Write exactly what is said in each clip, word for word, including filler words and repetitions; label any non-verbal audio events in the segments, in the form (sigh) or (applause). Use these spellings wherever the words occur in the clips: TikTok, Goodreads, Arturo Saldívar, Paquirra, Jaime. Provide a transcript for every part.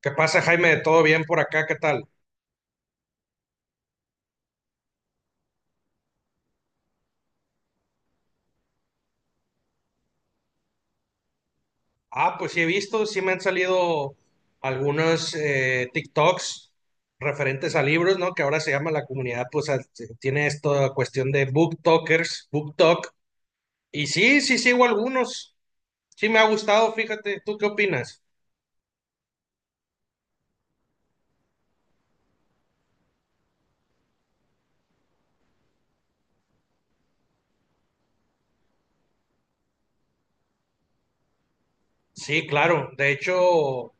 ¿Qué pasa, Jaime? ¿Todo bien por acá? ¿Qué tal? Ah, pues sí he visto, sí me han salido algunos eh, TikToks referentes a libros, ¿no? Que ahora se llama la comunidad, pues al- tiene esta cuestión de booktalkers, booktalk. Y sí, sí sigo algunos. Sí me ha gustado, fíjate. ¿Tú qué opinas? Sí, claro. De hecho,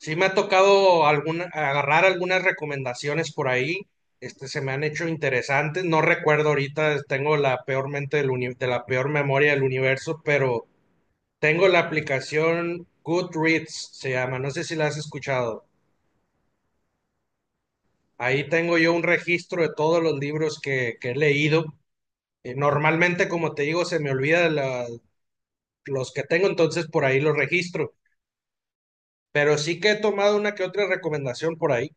sí me ha tocado alguna- agarrar algunas recomendaciones por ahí. Este, se me han hecho interesantes. No recuerdo ahorita, tengo la peor mente del uni- de la peor memoria del universo, pero tengo la aplicación Goodreads, se llama. No sé si la has escuchado. Ahí tengo yo un registro de todos los libros que, que he leído. Eh, normalmente, como te digo, se me olvida la- los que tengo, entonces por ahí los registro. Pero sí que he tomado una que otra recomendación por ahí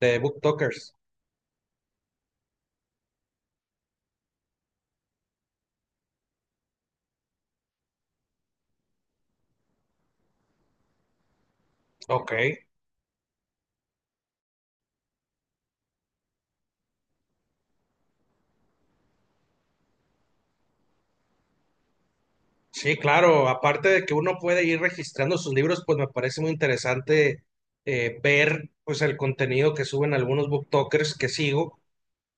de BookTokers. Ok. Sí, claro, aparte de que uno puede ir registrando sus libros, pues me parece muy interesante, eh, ver pues el contenido que suben algunos booktokers que sigo.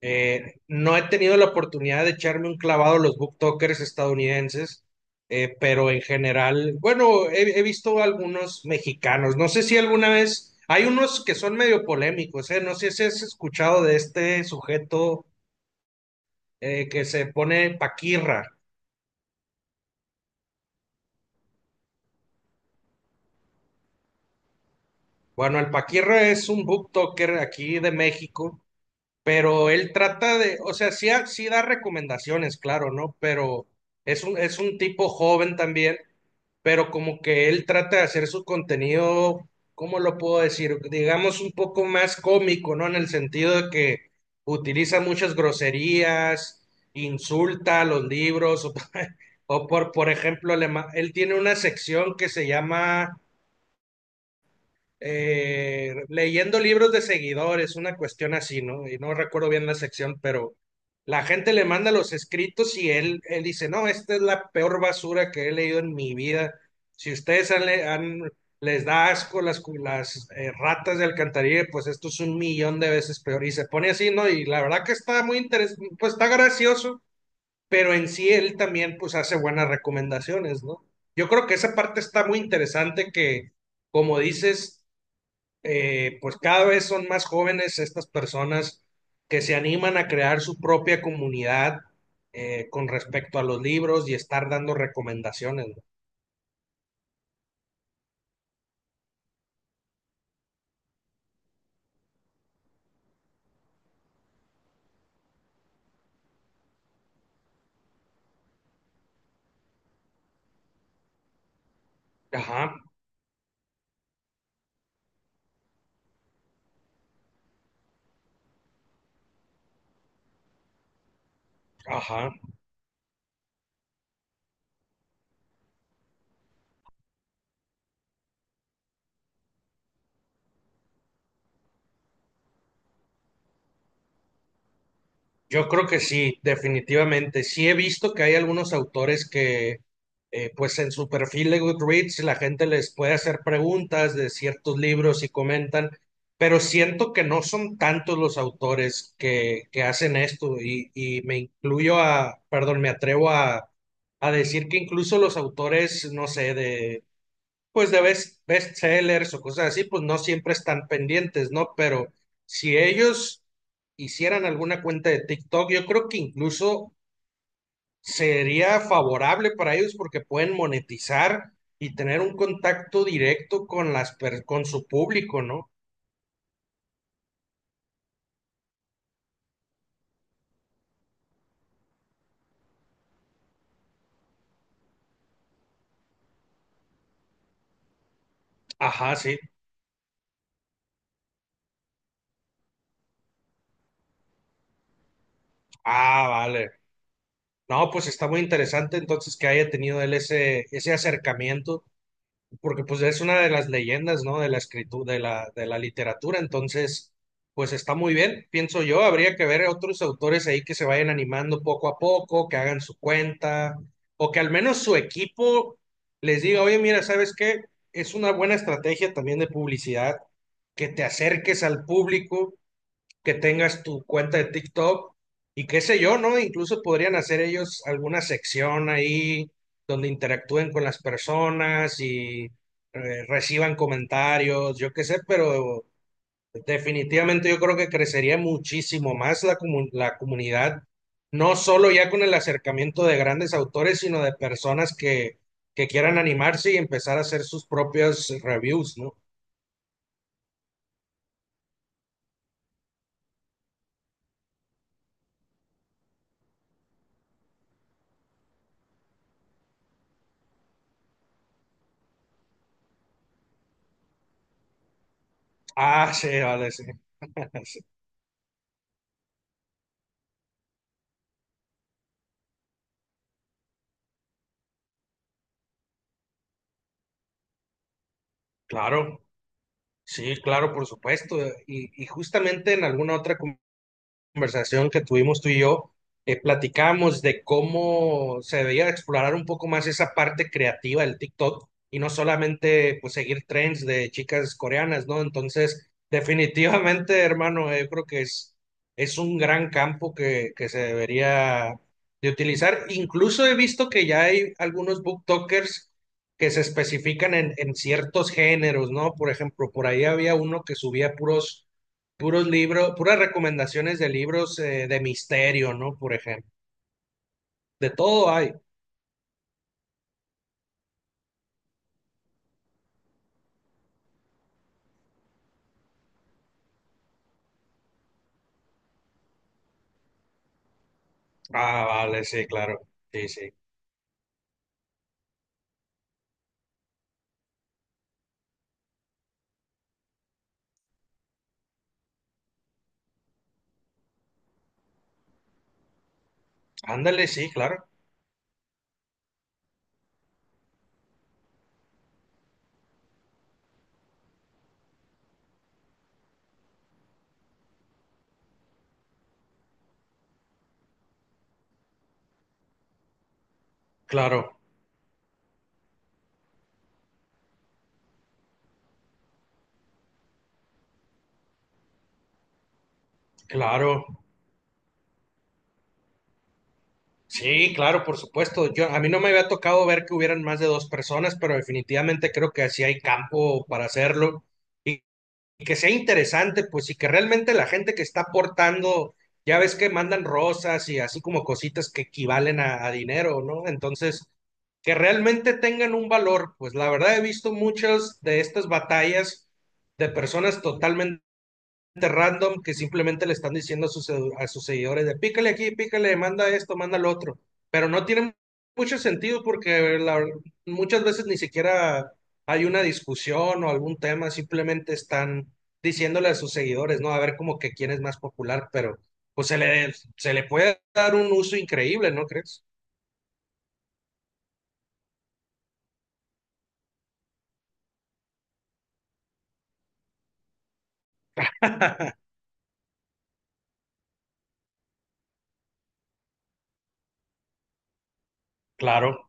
Eh, no he tenido la oportunidad de echarme un clavado a los booktokers estadounidenses, eh, pero en general, bueno, he, he visto algunos mexicanos. No sé si alguna vez, hay unos que son medio polémicos, eh, no sé si has escuchado de este sujeto eh, que se pone Paquirra. Bueno, el Paquirra es un booktoker aquí de México, pero él trata de, o sea, sí, ha- sí da recomendaciones, claro, ¿no? Pero es un, es un tipo joven también, pero como que él trata de hacer su contenido, ¿cómo lo puedo decir? Digamos un poco más cómico, ¿no? En el sentido de que utiliza muchas groserías, insulta a los libros, (laughs) o, por, por ejemplo, le ma- él tiene una sección que se llama, eh, leyendo libros de seguidores, una cuestión así, ¿no? Y no recuerdo bien la sección, pero la gente le manda los escritos y él, él dice, no, esta es la peor basura que he leído en mi vida. Si ustedes han, le- han- les da asco las, cu- las eh, ratas de alcantarilla, pues esto es un millón de veces peor. Y se pone así, ¿no? Y la verdad que está muy interesante, pues está gracioso, pero en sí él también pues hace buenas recomendaciones, ¿no? Yo creo que esa parte está muy interesante que, como dices, eh, pues cada vez son más jóvenes estas personas que se animan a crear su propia comunidad, eh, con respecto a los libros y estar dando recomendaciones, ¿no? Ajá, ajá. Yo creo que sí, definitivamente. Sí he visto que hay algunos autores que, eh, pues en su perfil de Goodreads, la gente les puede hacer preguntas de ciertos libros y comentan, pero siento que no son tantos los autores que, que hacen esto y, y me incluyo a, perdón, me atrevo a, a decir que incluso los autores, no sé, de pues de best, bestsellers o cosas así, pues no siempre están pendientes, ¿no? Pero si ellos hicieran alguna cuenta de TikTok, yo creo que incluso sería favorable para ellos porque pueden monetizar y tener un contacto directo con las per- con su público, ¿no? Ajá, sí. Ah, vale. No, pues está muy interesante entonces que haya tenido él ese, ese acercamiento. Porque pues es una de las leyendas, ¿no? De la escritura, de la, de la literatura, entonces, pues está muy bien, pienso yo, habría que ver otros autores ahí que se vayan animando poco a poco, que hagan su cuenta, o que al menos su equipo les diga, oye, mira, ¿sabes qué? Es una buena estrategia también de publicidad, que te acerques al público, que tengas tu cuenta de TikTok y qué sé yo, ¿no? Incluso podrían hacer ellos alguna sección ahí donde interactúen con las personas y, eh, reciban comentarios, yo qué sé, pero definitivamente yo creo que crecería muchísimo más la, comu- la comunidad, no solo ya con el acercamiento de grandes autores, sino de personas que, que quieran animarse y empezar a hacer sus propias reviews, ¿no? Ah, sí, vale, sí. (laughs) Claro. Sí, claro, por supuesto. Y, y justamente en alguna otra conversación que tuvimos tú y yo, eh, platicamos de cómo se debería explorar un poco más esa parte creativa del TikTok y no solamente pues seguir trends de chicas coreanas, ¿no? Entonces, definitivamente, hermano, eh, yo creo que es, es un gran campo que, que se debería de utilizar. Incluso he visto que ya hay algunos booktokers que se especifican en, en ciertos géneros, ¿no? Por ejemplo, por ahí había uno que subía puros puros libros, puras recomendaciones de libros, eh, de misterio, ¿no? Por ejemplo. De todo hay. Ah, vale, sí, claro. Sí, sí. Ándale, sí, claro. Claro, claro. Sí, claro, por supuesto. Yo, a mí no me había tocado ver que hubieran más de dos personas, pero definitivamente creo que así hay campo para hacerlo, y que sea interesante, pues, y que realmente la gente que está aportando, ya ves que mandan rosas y así como cositas que equivalen a, a dinero, ¿no? Entonces, que realmente tengan un valor, pues la verdad he visto muchas de estas batallas de personas totalmente random que simplemente le están diciendo a sus, a sus seguidores de pícale aquí, pícale, manda esto, manda lo otro. Pero no tiene mucho sentido porque la- muchas veces ni siquiera hay una discusión o algún tema, simplemente están diciéndole a sus seguidores, ¿no? A ver como que quién es más popular, pero pues se le, se le puede dar un uso increíble, ¿no crees? Claro.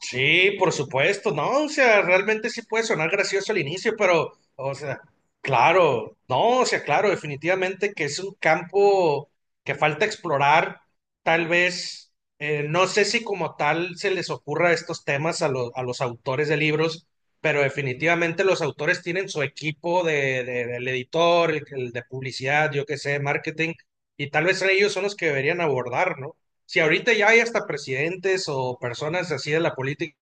Sí, por supuesto, no, o sea, realmente sí puede sonar gracioso al inicio, pero, o sea, claro, no, o sea, claro, definitivamente que es un campo que falta explorar, tal vez, eh, no sé si como tal se les ocurra estos temas a, lo- a los autores de libros, pero definitivamente los autores tienen su equipo de, de- del editor, el, el de publicidad, yo qué sé, marketing, y tal vez ellos son los que deberían abordar, ¿no? Si ahorita ya hay hasta presidentes o personas así de la política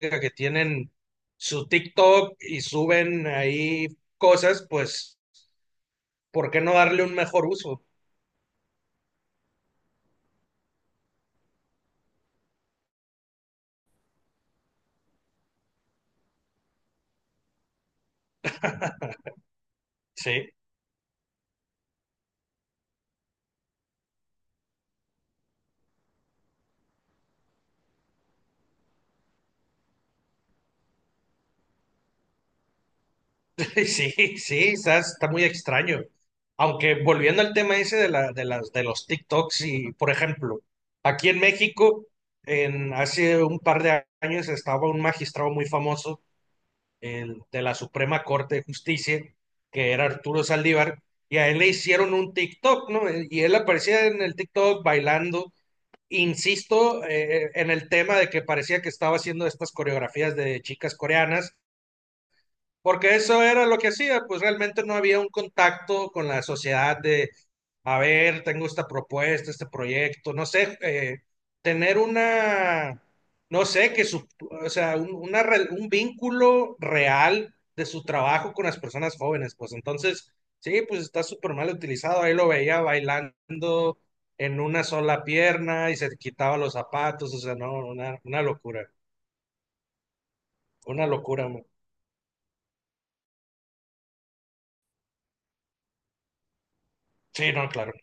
que tienen su TikTok y suben ahí cosas, pues, ¿por qué no darle un mejor uso? Sí, (laughs) sí, sí, está, está muy extraño. Aunque volviendo al tema ese de la, de las, de los TikToks y, por ejemplo, aquí en México, en, hace un par de años estaba un magistrado muy famoso, el de la Suprema Corte de Justicia, que era Arturo Saldívar, y a él le hicieron un TikTok, ¿no? Y él aparecía en el TikTok bailando, insisto, eh, en el tema de que parecía que estaba haciendo estas coreografías de chicas coreanas, porque eso era lo que hacía, pues realmente no había un contacto con la sociedad de, a ver, tengo esta propuesta, este proyecto, no sé, eh, tener una, no sé, que su, o sea, un, una re- un vínculo real de su trabajo con las personas jóvenes, pues entonces, sí, pues está súper mal utilizado, ahí lo veía bailando en una sola pierna y se quitaba los zapatos, o sea, no, una, una locura, una locura. mo- Sí, no, claro.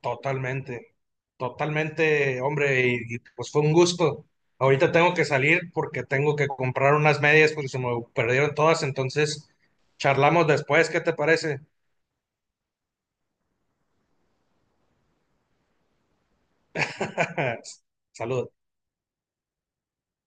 Totalmente, totalmente, hombre, y, y, pues fue un gusto. Ahorita tengo que salir porque tengo que comprar unas medias porque se me perdieron todas, entonces charlamos después, ¿qué te parece? (laughs) Saludos.